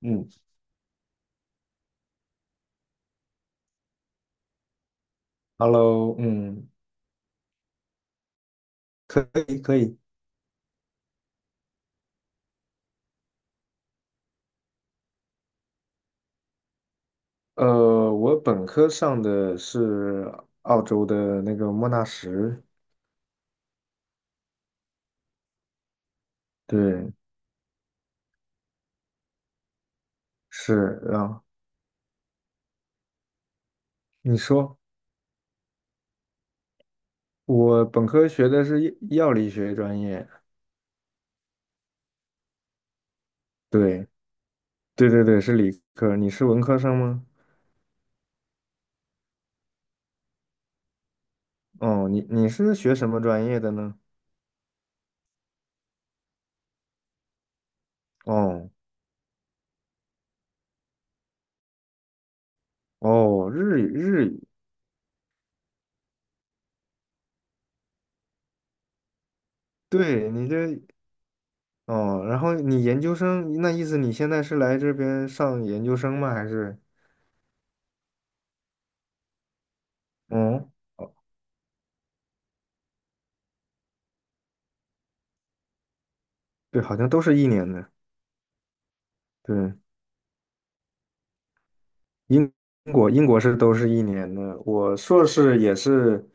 嗯，Hello，嗯，可以可以。我本科上的是澳洲的那个莫纳什，对，是啊。你说，我本科学的是药理学专业，对，对对对，是理科。你是文科生吗？哦，你是学什么专业的呢？哦哦，日语日语，对你这哦，然后你研究生，那意思你现在是来这边上研究生吗？还是？嗯。对，好像都是一年的。对，英国英国是都是一年的。我硕士也是，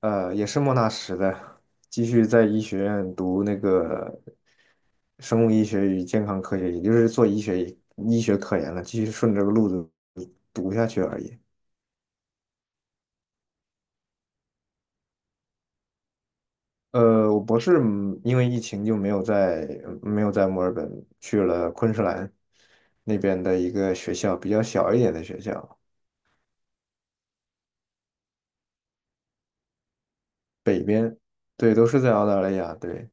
也是莫纳什的，继续在医学院读那个生物医学与健康科学，也就是做医学科研了，继续顺着这个路子读下去而已。我博士嗯因为疫情就没有在墨尔本，去了昆士兰那边的一个学校，比较小一点的学校，北边，对，都是在澳大利亚，对。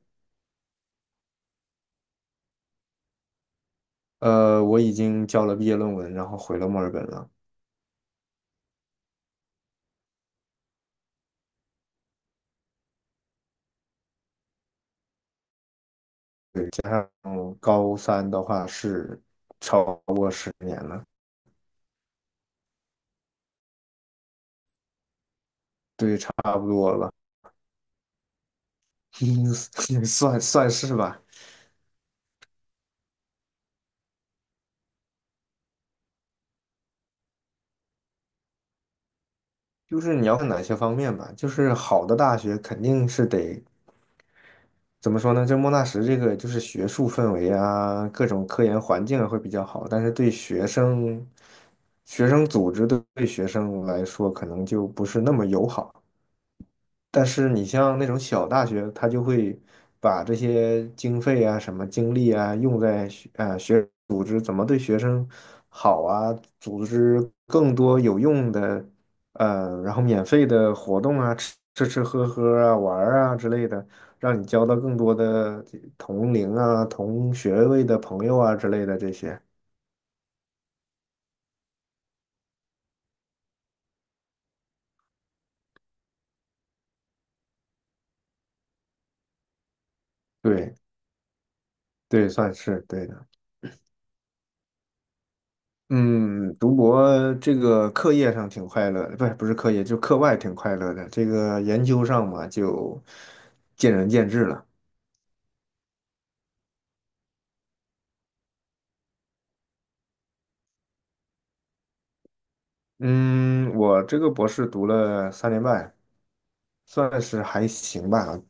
我已经交了毕业论文，然后回了墨尔本了。对，加上高三的话是超过10年了，对，差不多了，算是吧。就是你要看哪些方面吧，就是好的大学肯定是得怎么说呢？就莫纳什这个就是学术氛围啊，各种科研环境啊会比较好，但是对学生、学生组织对对学生来说可能就不是那么友好。但是你像那种小大学，他就会把这些经费啊、什么精力啊，用在学组织怎么对学生好啊，组织更多有用的然后免费的活动啊，吃吃吃喝喝啊，玩儿啊之类的，让你交到更多的这同龄啊、同学位的朋友啊之类的这些。对对，算是对的。嗯，读博这个课业上挺快乐的不是不是课业，就课外挺快乐的。这个研究上嘛，就见仁见智了。嗯，我这个博士读了3年半，算是还行吧。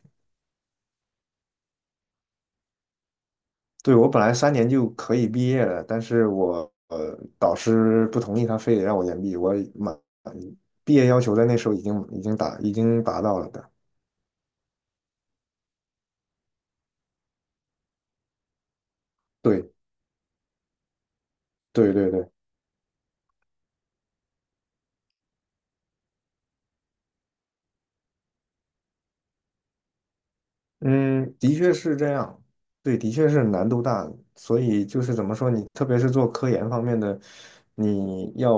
对，我本来三年就可以毕业了，但是我导师不同意，他非得让我延毕。我满毕业要求在那时候已经已经达已经达到了的。对对对对。嗯，的确是这样，对，的确是难度大，所以就是怎么说，你特别是做科研方面的，你要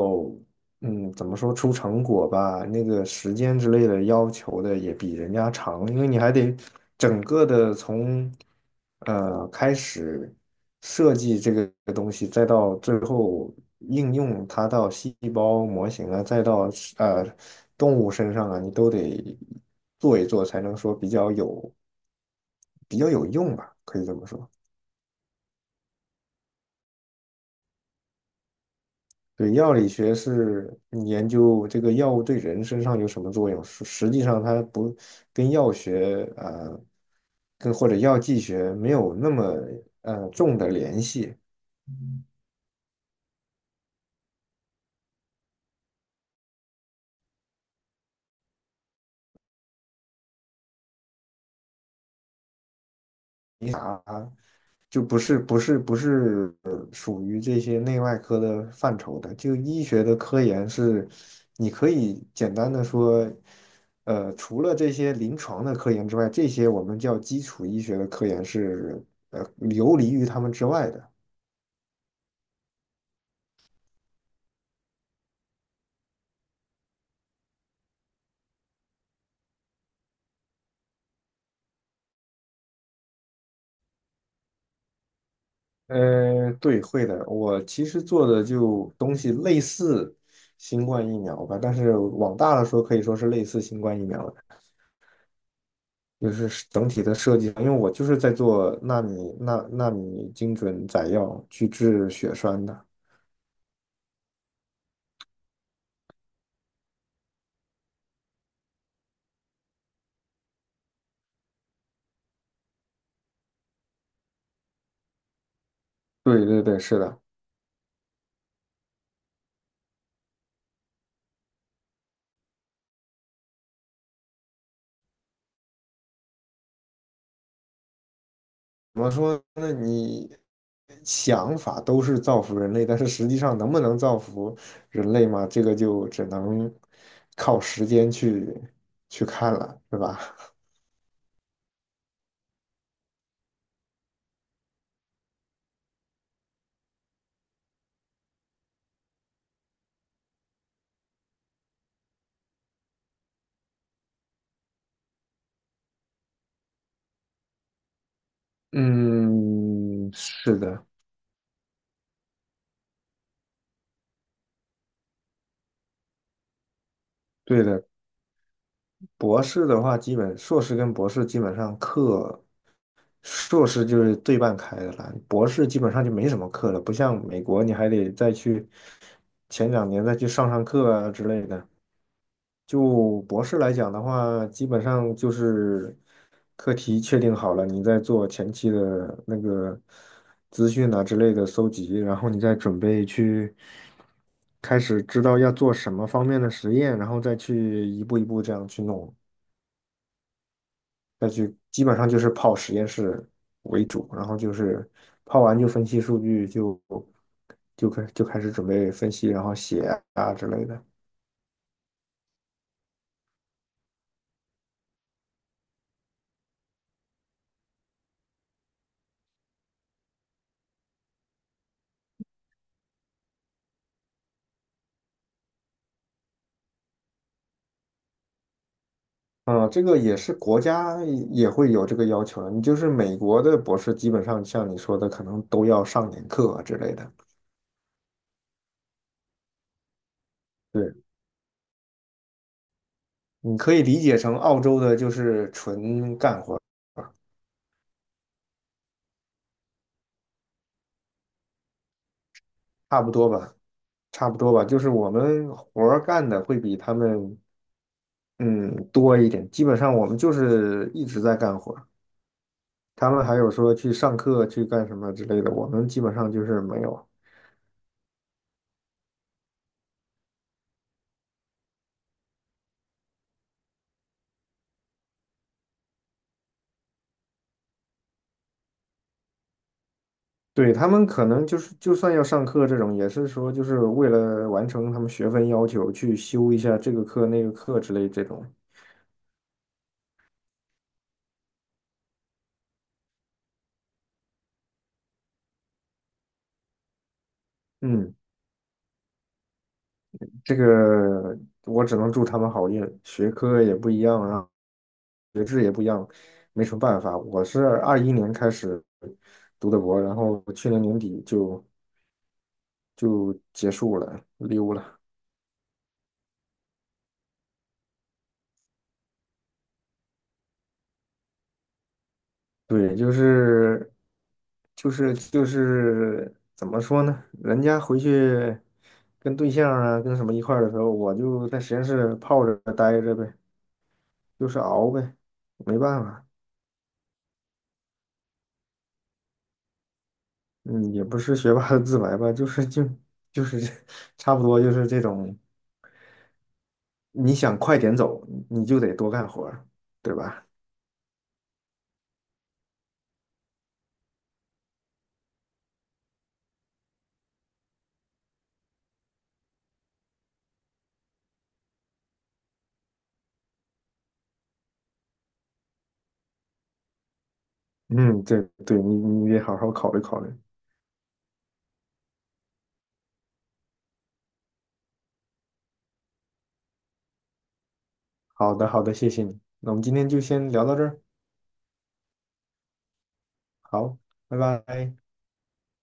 嗯，怎么说出成果吧，那个时间之类的要求的也比人家长，因为你还得整个的从开始设计这个东西，再到最后应用它到细胞模型啊，再到呃动物身上啊，你都得做一做，才能说比较有用吧，可以这么说。对，药理学是研究这个药物对人身上有什么作用，实际上它不跟药学啊，跟或者药剂学没有那么重的联系，你就不是不是不是属于这些内外科的范畴的。就医学的科研是，你可以简单的说，除了这些临床的科研之外，这些我们叫基础医学的科研是呃游离于他们之外的。对，会的。我其实做的就东西类似新冠疫苗吧，但是往大了说，可以说是类似新冠疫苗的，就是整体的设计。因为我就是在做纳米精准载药去治血栓的。对对对，是的。怎么说呢？你想法都是造福人类，但是实际上能不能造福人类嘛？这个就只能靠时间去看了，是吧？嗯，是的，对的。博士的话，基本硕士跟博士基本上课，硕士就是对半开的了，博士基本上就没什么课了，不像美国，你还得再去前2年再去上课啊之类的。就博士来讲的话，基本上就是课题确定好了，你再做前期的那个资讯啊之类的搜集，然后你再准备去开始知道要做什么方面的实验，然后再去一步一步这样去弄，再去基本上就是泡实验室为主，然后就是泡完就分析数据就，就开始准备分析，然后写啊之类的。啊，这个也是国家也会有这个要求的。你就是美国的博士，基本上像你说的，可能都要上点课啊之类的。对，你可以理解成澳洲的就是纯干活儿，差不多吧，差不多吧。就是我们活儿干的会比他们嗯多一点，基本上我们就是一直在干活儿。他们还有说去上课去干什么之类的，我们基本上就是没有。对，他们可能就是，就算要上课这种，也是说就是为了完成他们学分要求，去修一下这个课那个课之类这种。嗯，这个我只能祝他们好运，学科也不一样啊，学制也不一样，没什么办法。我是21年开始读的博，然后去年年底就结束了，溜了。对，就是怎么说呢？人家回去跟对象啊，跟什么一块儿的时候，我就在实验室泡着待着呗，就是熬呗，没办法，嗯，也不是学霸的自白吧，就是 差不多就是这种，你想快点走，你就得多干活儿对吧？嗯，对对，你得好好考虑考虑。好的好的，谢谢你，那我们今天就先聊到这儿，好，拜拜。